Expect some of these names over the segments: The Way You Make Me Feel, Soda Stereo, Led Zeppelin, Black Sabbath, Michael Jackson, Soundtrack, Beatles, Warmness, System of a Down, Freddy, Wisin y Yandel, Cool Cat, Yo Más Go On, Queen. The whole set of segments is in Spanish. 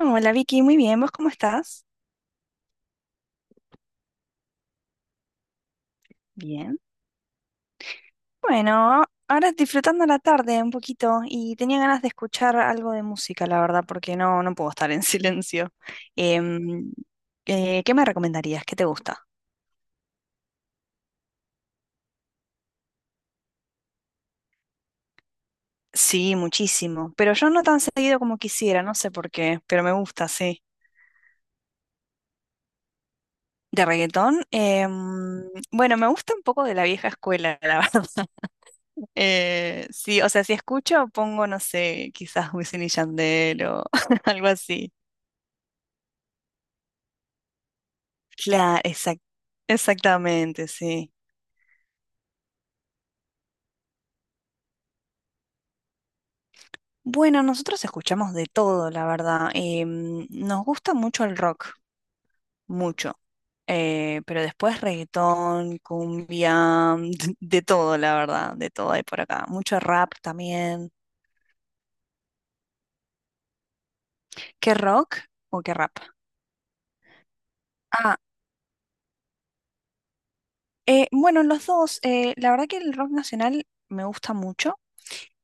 Hola Vicky, muy bien, ¿vos cómo estás? Bien. Bueno, ahora disfrutando la tarde un poquito y tenía ganas de escuchar algo de música, la verdad, porque no puedo estar en silencio. Em, ¿Qué me recomendarías? ¿Qué te gusta? Sí, muchísimo, pero yo no tan seguido como quisiera, no sé por qué, pero me gusta, sí. ¿De reggaetón? Bueno, me gusta un poco de la vieja escuela, la verdad. Sí, o sea, si escucho, pongo, no sé, quizás Wisin y Yandel o algo así. Claro, exactamente, sí. Bueno, nosotros escuchamos de todo, la verdad. Nos gusta mucho el rock, mucho. Pero después reggaetón, cumbia, de todo, la verdad, de todo hay por acá. Mucho rap también. ¿Qué rock o qué rap? Ah, bueno, los dos. La verdad que el rock nacional me gusta mucho.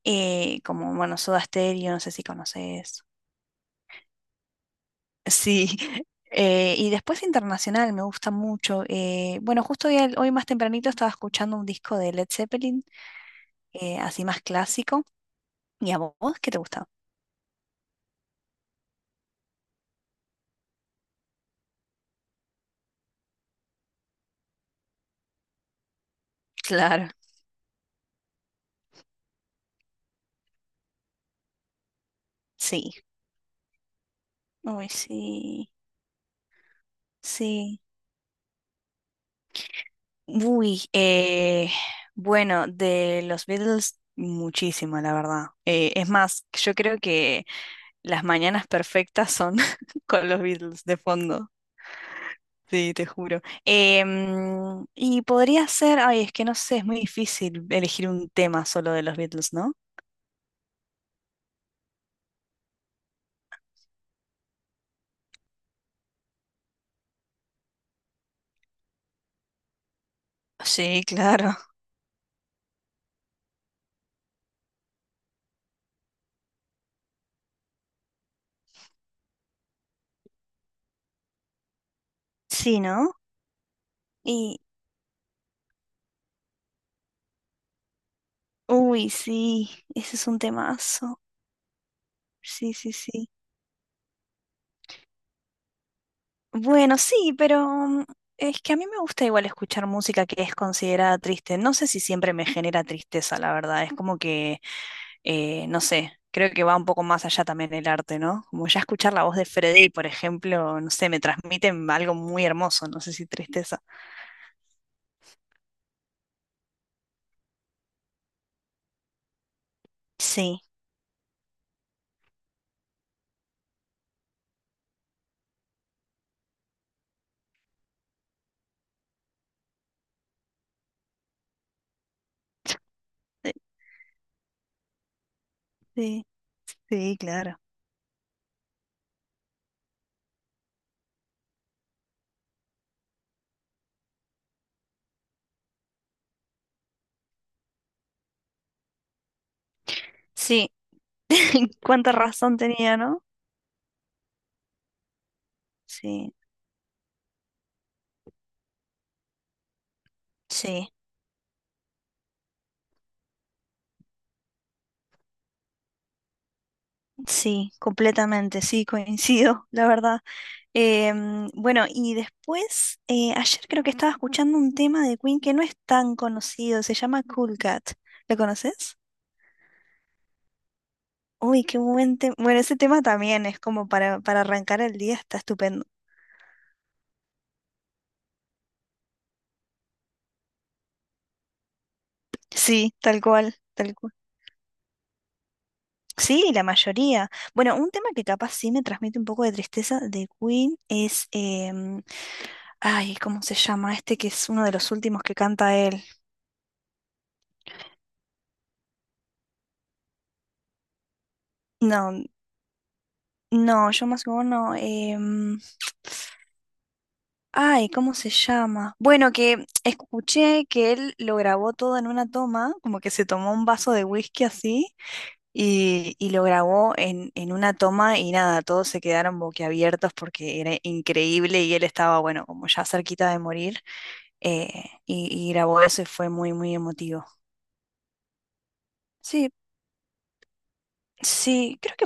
Como, bueno, Soda Stereo, no sé si conoces. Sí, y después internacional me gusta mucho. Bueno, justo hoy, hoy más tempranito estaba escuchando un disco de Led Zeppelin, así más clásico. ¿Y a vos qué te gusta? Claro, sí. Uy, sí, sí. Uy, bueno, de los Beatles muchísimo, la verdad. Es más, yo creo que las mañanas perfectas son con los Beatles de fondo. Sí, te juro. Y podría ser, ay, es que no sé, es muy difícil elegir un tema solo de los Beatles, ¿no? Sí, claro. Sí, ¿no? Y, uy, sí, ese es un temazo. Sí, sí, sí. Bueno, sí, pero, es que a mí me gusta igual escuchar música que es considerada triste. No sé si siempre me genera tristeza, la verdad. Es como que no sé, creo que va un poco más allá también el arte, ¿no? Como ya escuchar la voz de Freddy, por ejemplo, no sé, me transmiten algo muy hermoso, no sé si tristeza. Sí, eh, sí, sí, claro. Sí, cuánta razón tenía, ¿no? Sí, sí. Sí, completamente, sí, coincido, la verdad. Bueno, y después, ayer creo que estaba escuchando un tema de Queen que no es tan conocido, se llama Cool Cat. ¿Lo conoces? Uy, qué buen tema. Bueno, ese tema también es como para arrancar el día, está estupendo. Sí, tal cual, tal cual. Sí, la mayoría. Bueno, un tema que capaz sí me transmite un poco de tristeza de Queen es, ay, ¿cómo se llama? Este que es uno de los últimos que canta él. No, no, yo más como no. Ay, ¿cómo se llama? Bueno, que escuché que él lo grabó todo en una toma, como que se tomó un vaso de whisky así. Y lo grabó en una toma y nada, todos se quedaron boquiabiertos porque era increíble y él estaba, bueno, como ya cerquita de morir, y grabó eso y fue muy, muy emotivo. Sí, sí, creo que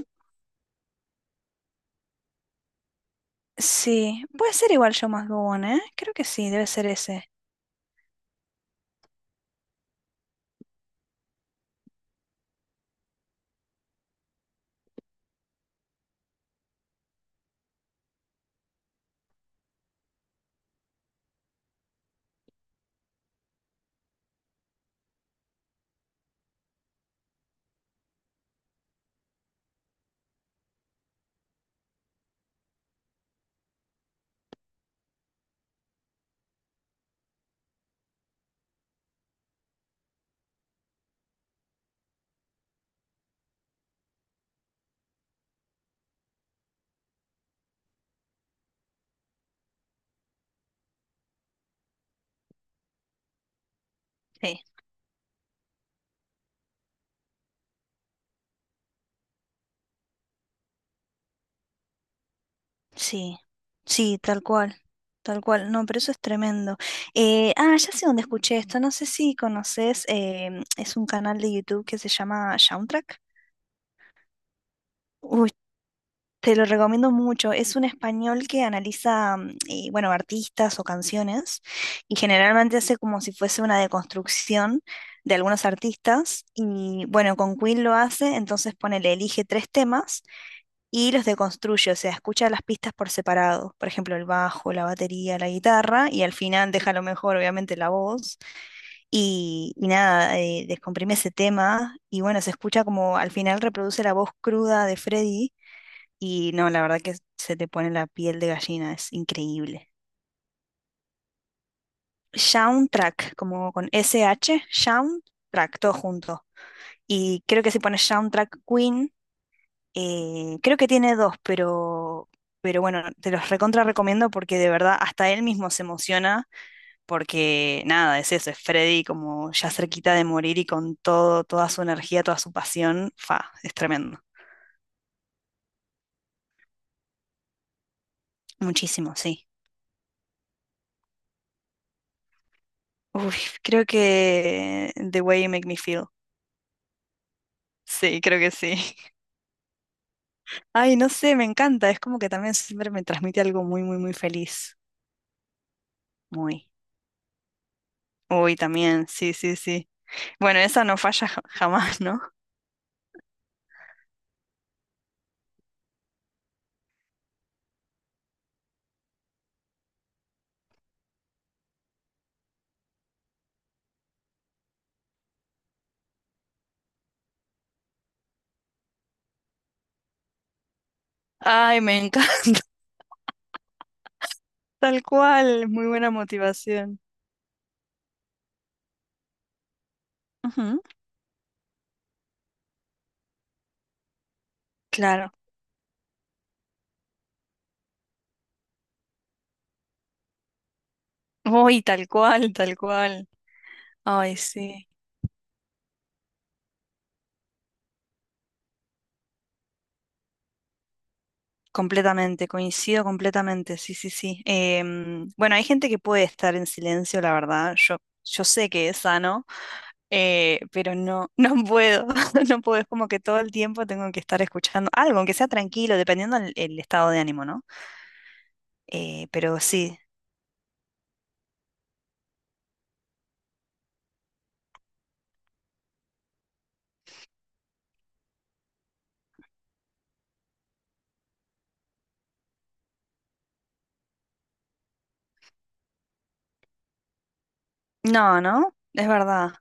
sí, puede ser igual Yo Más Go On, ¿eh? Creo que sí, debe ser ese. Sí. Sí, sí, tal cual, tal cual. No, pero eso es tremendo. Ya sé dónde escuché esto. No sé si conoces, es un canal de YouTube que se llama Soundtrack. Uy, te lo recomiendo mucho. Es un español que analiza, bueno, artistas o canciones y generalmente hace como si fuese una deconstrucción de algunos artistas. Y bueno, con Queen lo hace, entonces ponele, elige tres temas y los deconstruye, o sea, escucha las pistas por separado, por ejemplo, el bajo, la batería, la guitarra, y al final deja lo mejor, obviamente, la voz, y nada, descomprime ese tema, y bueno, se escucha como al final reproduce la voz cruda de Freddy, y no, la verdad que se te pone la piel de gallina, es increíble. Soundtrack, como con SH, Soundtrack, todo junto. Y creo que si pones Soundtrack Queen, creo que tiene dos, pero bueno, te los recontra recomiendo porque de verdad hasta él mismo se emociona porque nada, es eso, es Freddy como ya cerquita de morir y con todo, toda su energía, toda su pasión, fa, es tremendo. Muchísimo, sí. Uy, creo que The Way You Make Me Feel. Sí, creo que sí. Ay, no sé, me encanta. Es como que también siempre me transmite algo muy, muy, muy feliz. Muy. Uy, también, sí, sí, sí. Bueno, esa no falla jamás, ¿no? Ay, me encanta. Tal cual, muy buena motivación. Ujú, claro. Uy, tal cual, tal cual. Ay, sí. Completamente, coincido completamente, sí, sí, sí. Bueno, hay gente que puede estar en silencio, la verdad. Yo sé que es sano, pero no, no puedo. No puedo. Es como que todo el tiempo tengo que estar escuchando algo, aunque sea tranquilo, dependiendo del el estado de ánimo, ¿no? Pero sí. No, ¿no? Es verdad.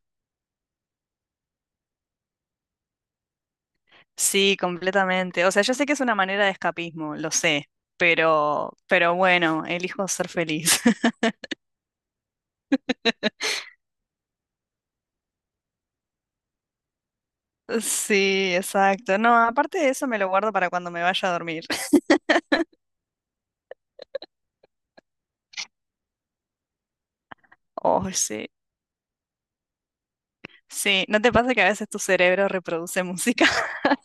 Sí, completamente. O sea, yo sé que es una manera de escapismo, lo sé, pero bueno, elijo ser feliz. Sí, exacto. No, aparte de eso me lo guardo para cuando me vaya a dormir. Oh, sí. Sí, ¿no te pasa que a veces tu cerebro reproduce música?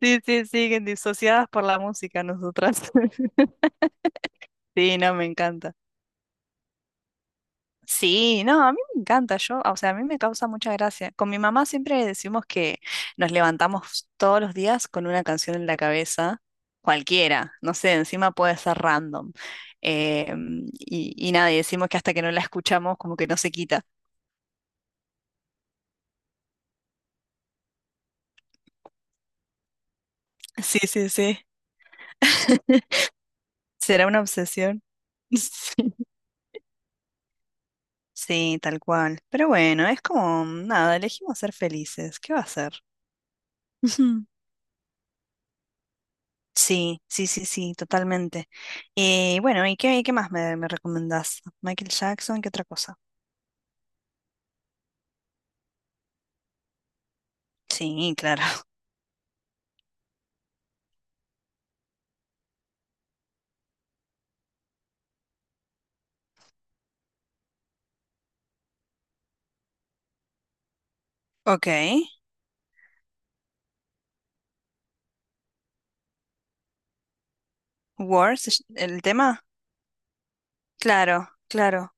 Sí, sí, sí, que disociadas por la música nosotras. Sí, no, me encanta. Sí, no, a mí me encanta, yo, o sea, a mí me causa mucha gracia. Con mi mamá siempre decimos que nos levantamos todos los días con una canción en la cabeza, cualquiera, no sé, encima puede ser random. Eh, y nada, y decimos que hasta que no la escuchamos como que no se quita. Sí, sí, sí. ¿Será una obsesión? Sí. Sí, tal cual. Pero bueno, es como, nada, elegimos ser felices. ¿Qué va a ser? Sí, sí, sí, sí, totalmente. Y bueno, ¿y qué, qué más me, me recomendás? Michael Jackson, ¿qué otra cosa? Sí, claro. Ok. War, el tema. Claro, claro.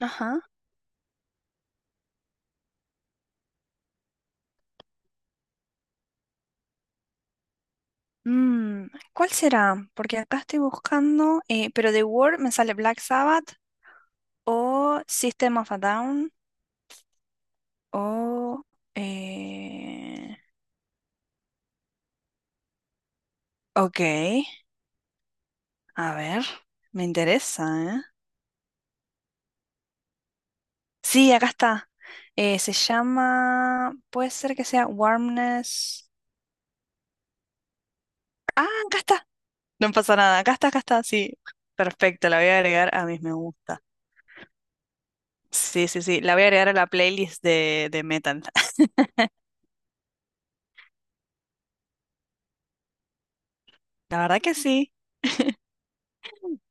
Ajá. Mm, ¿cuál será? Porque acá estoy buscando, pero de War me sale Black Sabbath o System of a Down o... eh, ok, a ver, me interesa, ¿eh? Sí, acá está. Se llama, puede ser que sea Warmness. Ah, acá está. No pasa nada. Acá está, acá está. Sí, perfecto. La voy a agregar a mis me gusta. Sí, sí, sí. La voy a agregar a la playlist de metal. La verdad que sí.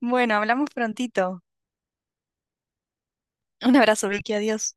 Bueno, hablamos prontito. Un abrazo, Vicky. Adiós.